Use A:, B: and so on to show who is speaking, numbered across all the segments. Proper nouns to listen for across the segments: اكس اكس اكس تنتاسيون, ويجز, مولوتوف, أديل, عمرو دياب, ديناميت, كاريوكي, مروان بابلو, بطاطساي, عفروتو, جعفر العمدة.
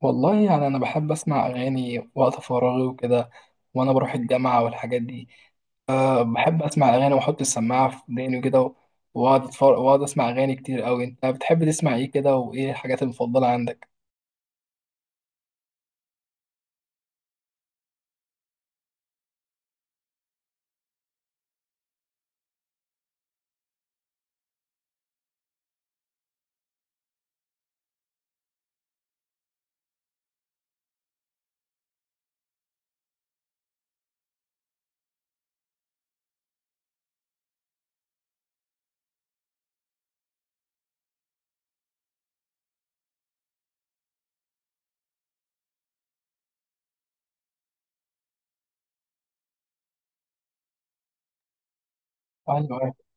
A: والله يعني أنا بحب أسمع أغاني وقت فراغي وكده، وأنا بروح الجامعة والحاجات دي. بحب أسمع أغاني وأحط السماعة في وداني وكده، وأقعد أتفرج وأقعد أسمع أغاني كتير أوي. أنت بتحب تسمع إيه كده وإيه الحاجات المفضلة عندك؟ أيوه أيوه.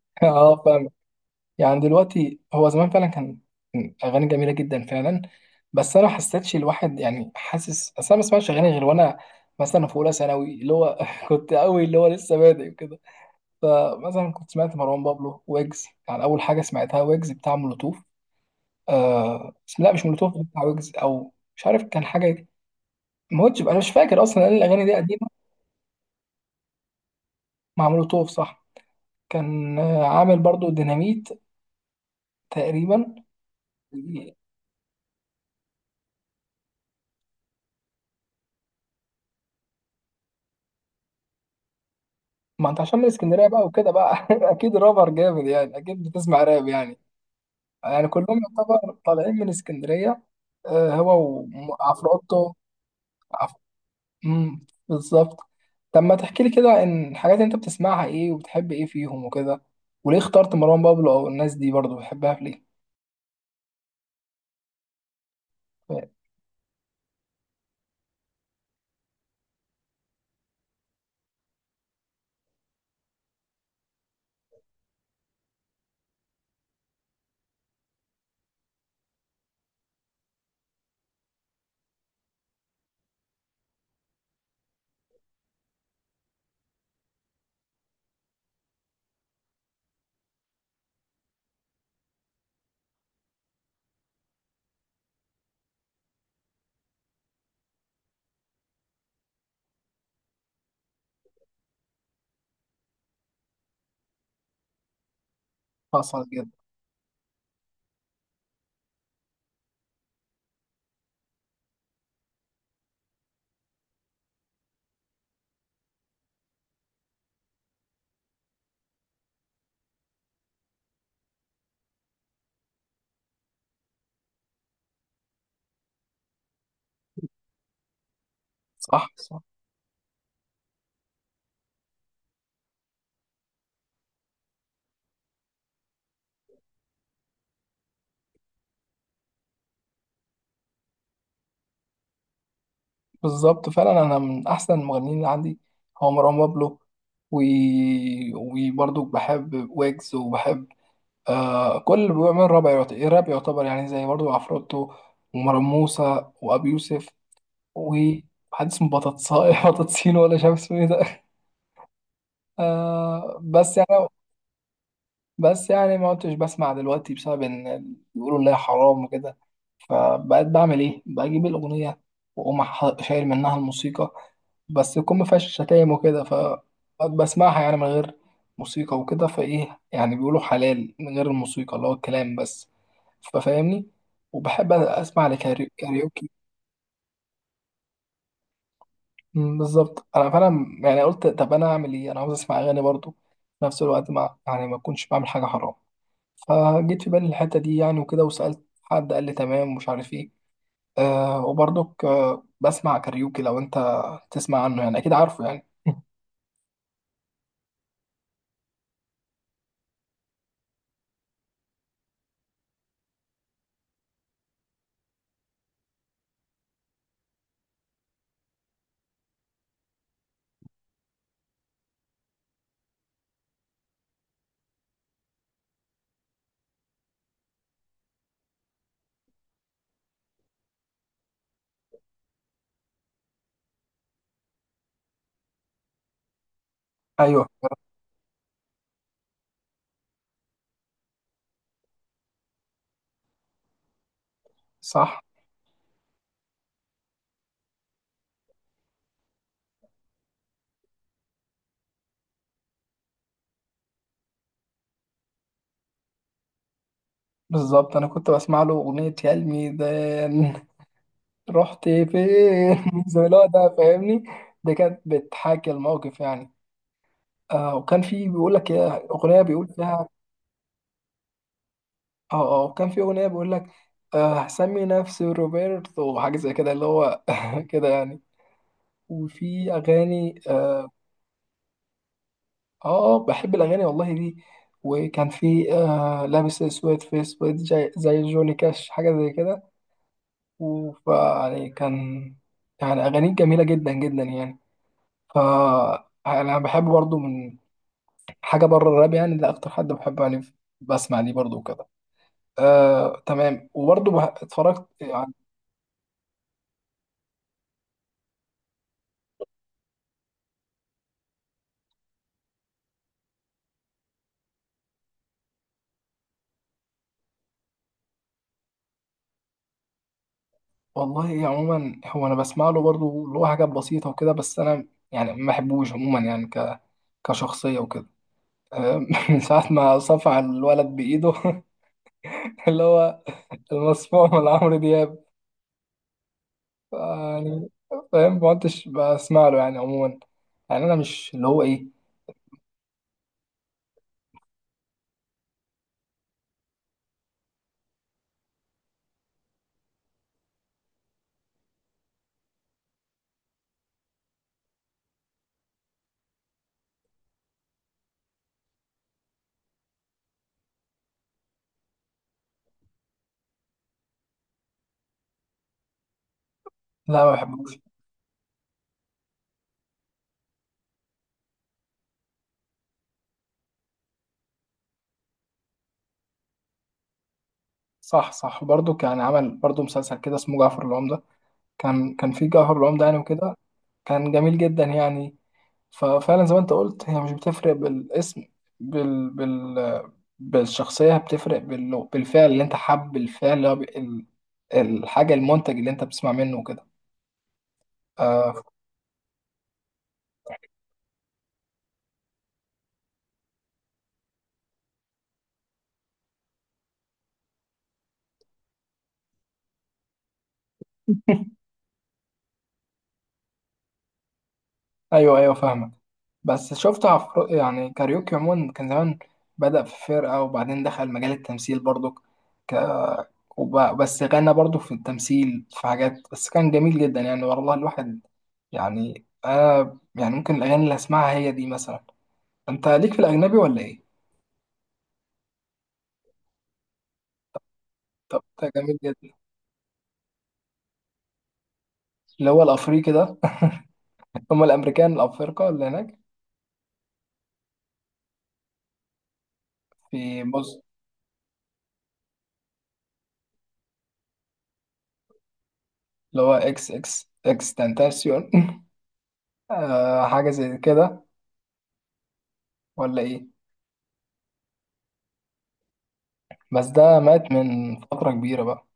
A: أه، فاهم. يعني دلوقتي هو زمان فعلا كان أغاني جميلة جدا فعلا. بس أنا ما حسيتش الواحد، يعني حاسس، أصل أنا ما بسمعش أغاني غير وأنا مثلا في أولى ثانوي، اللي هو كنت أوي اللي هو لسه بادئ كده. فمثلا كنت سمعت مروان بابلو ويجز، يعني اول حاجه سمعتها ويجز بتاع مولوتوف. آه بس لا، مش مولوتوف، بتاع ويجز او مش عارف كان حاجه ما هوتش، انا مش فاكر اصلا لأن الاغاني دي قديمه. مع مولوتوف صح. كان عامل برضو ديناميت تقريبا. ما انت عشان من اسكندريه بقى وكده بقى، اكيد رابر جامد، يعني اكيد بتسمع راب يعني. يعني كلهم يعتبر طالعين من اسكندريه. آه، هو وعفروتو. بالظبط. طب ما تحكي لي كده ان الحاجات اللي انت بتسمعها ايه وبتحب ايه فيهم وكده، وليه اخترت مروان بابلو او الناس دي برضو بتحبها في ليه. حصل جدا. صح صح. بالظبط فعلا، انا من احسن المغنيين اللي عندي هو مروان بابلو و... وبرضو بحب ويجز، وبحب كل اللي بيعمل راب، الراب يعتبر، يعني زي برضو عفروتو ومروان موسى وابي يوسف، وحد اسمه بطاطساي بطاطسين، ولا مش عارف اسمه ايه ده. آه بس يعني، بس يعني ما كنتش بسمع دلوقتي بسبب ان بيقولوا اللي هي حرام وكده. فبقيت بعمل ايه، بجيب الاغنيه واقوم شايل منها الموسيقى، بس يكون ما فيهاش شتايم وكده. فبسمعها يعني من غير موسيقى وكده، فايه يعني بيقولوا حلال من غير الموسيقى، اللي هو الكلام بس، ففاهمني. وبحب اسمع كاريوكي. بالظبط، انا فعلا يعني قلت طب انا اعمل ايه، انا عاوز اسمع اغاني برضو في نفس الوقت، ما يعني ما اكونش بعمل حاجه حرام. فجيت في بالي الحتة دي يعني وكده، وسألت حد قال لي تمام ومش عارف ايه. وبرضك بسمع كاريوكي، لو انت تسمع عنه يعني اكيد عارفه يعني. ايوه صح. بالظبط انا كنت بسمع له اغنية يا الميدان رحت فين، زي اللي هو ده، فاهمني. دي كانت بتحاكي الموقف يعني. وكان في بيقول لك يا اغنية، بيقول فيها اه اه. وكان في اغنية بيقول لك هسمي نفسي روبرتو وحاجة زي كده، اللي هو كده يعني. وفي اغاني. اه بحب الاغاني والله دي. وكان في لابس اسود في اسود، زي جوني كاش حاجه زي كده، يعني كان، يعني اغانيه جميله جدا جدا يعني. ف انا بحب برضو من حاجه بره الراب، يعني ده اكتر حد بحبه يعني، بسمع ليه برضو وكده. آه تمام. وبرضو اتفرجت يعني، والله عموما هو انا بسمع له برضو اللي هو حاجات بسيطه وكده، بس انا يعني ما بحبوش عموما يعني، كشخصيه وكده. من ساعة ما صفع الولد بإيده، اللي هو المصفوع من عمرو دياب. يعني فاهم، ما كنتش بسمع له يعني عموما. يعني أنا مش اللي هو إيه، لا ما بحبوش. صح صح. برضه كان عمل برضه مسلسل كده اسمه جعفر العمدة، كان كان في جعفر العمدة يعني وكده، كان جميل جدا يعني. ففعلا زي ما أنت قلت، هي مش بتفرق بالاسم، بال بال بالشخصية، بتفرق بالفعل، اللي أنت حب الفعل اللي هو الحاجة، المنتج اللي أنت بتسمع منه وكده. آه. ايوه ايوه فاهمك. بس شفت يعني كاريوكي عموما كان زمان بدأ في فرقة، وبعدين دخل مجال التمثيل برضو. ك... بس غنى برضو في التمثيل في حاجات، بس كان جميل جدا يعني والله الواحد. يعني انا يعني ممكن الاغاني اللي اسمعها هي دي مثلا. انت ليك في الاجنبي ولا ايه؟ طب ده جميل جدا. اللي هو الافريقي ده، هم الامريكان الافارقه اللي هناك. في بص، اللي هو اكس اكس اكس تنتاسيون، آه حاجه زي كده، ولا ايه؟ بس ده مات من فترة كبيرة بقى.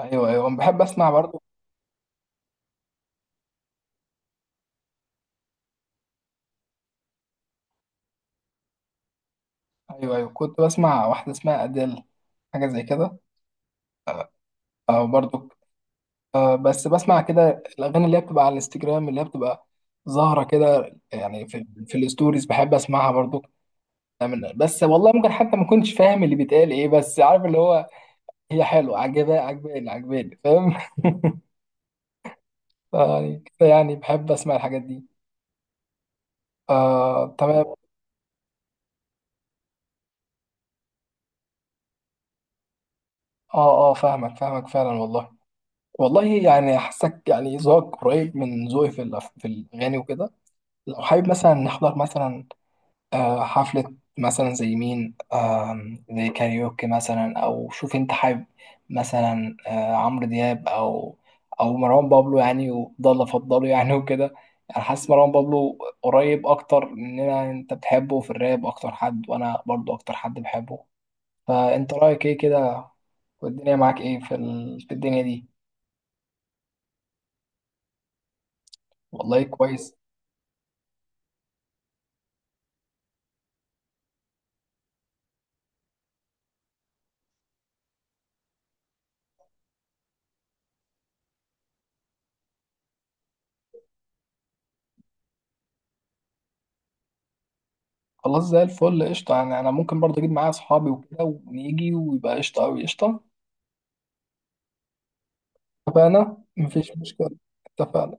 A: أيوه أيوه، أنا بحب أسمع برضو. أيوه أيوه، كنت بسمع واحدة اسمها أديل حاجة زي كده، أو برضو بس بسمع كده الأغاني اللي هي بتبقى على الانستجرام، اللي هي بتبقى ظاهرة كده يعني في الستوريز، بحب أسمعها برضو. بس والله ممكن حتى ما كنتش فاهم اللي بيتقال إيه، بس عارف اللي هو هي حلوة، عجباني عجباني، فاهم. يعني يعني بحب أسمع الحاجات دي. آه تمام. آه آه فاهمك فاهمك فعلا والله. والله يعني حاسك يعني ذوقك قريب من ذوقي في في الأغاني وكده. لو حابب مثلا نحضر مثلا حفلة مثلا زي مين، زي كاريوكي مثلا، أو شوف أنت حابب مثلا عمرو دياب أو، أو مروان بابلو، يعني وضل أفضله يعني وكده. يعني حاسس مروان بابلو قريب أكتر مننا، أنت بتحبه في الراب أكتر حد وأنا برضو أكتر حد بحبه. فأنت رأيك إيه كده؟ والدنيا معاك إيه في في الدنيا دي. والله كويس. خلاص زي الفل قشطة، يعني أنا ممكن برضه أجيب معايا أصحابي وكده ونيجي ويبقى قشطة أوي قشطة. اتفقنا مفيش مشكلة. اتفقنا.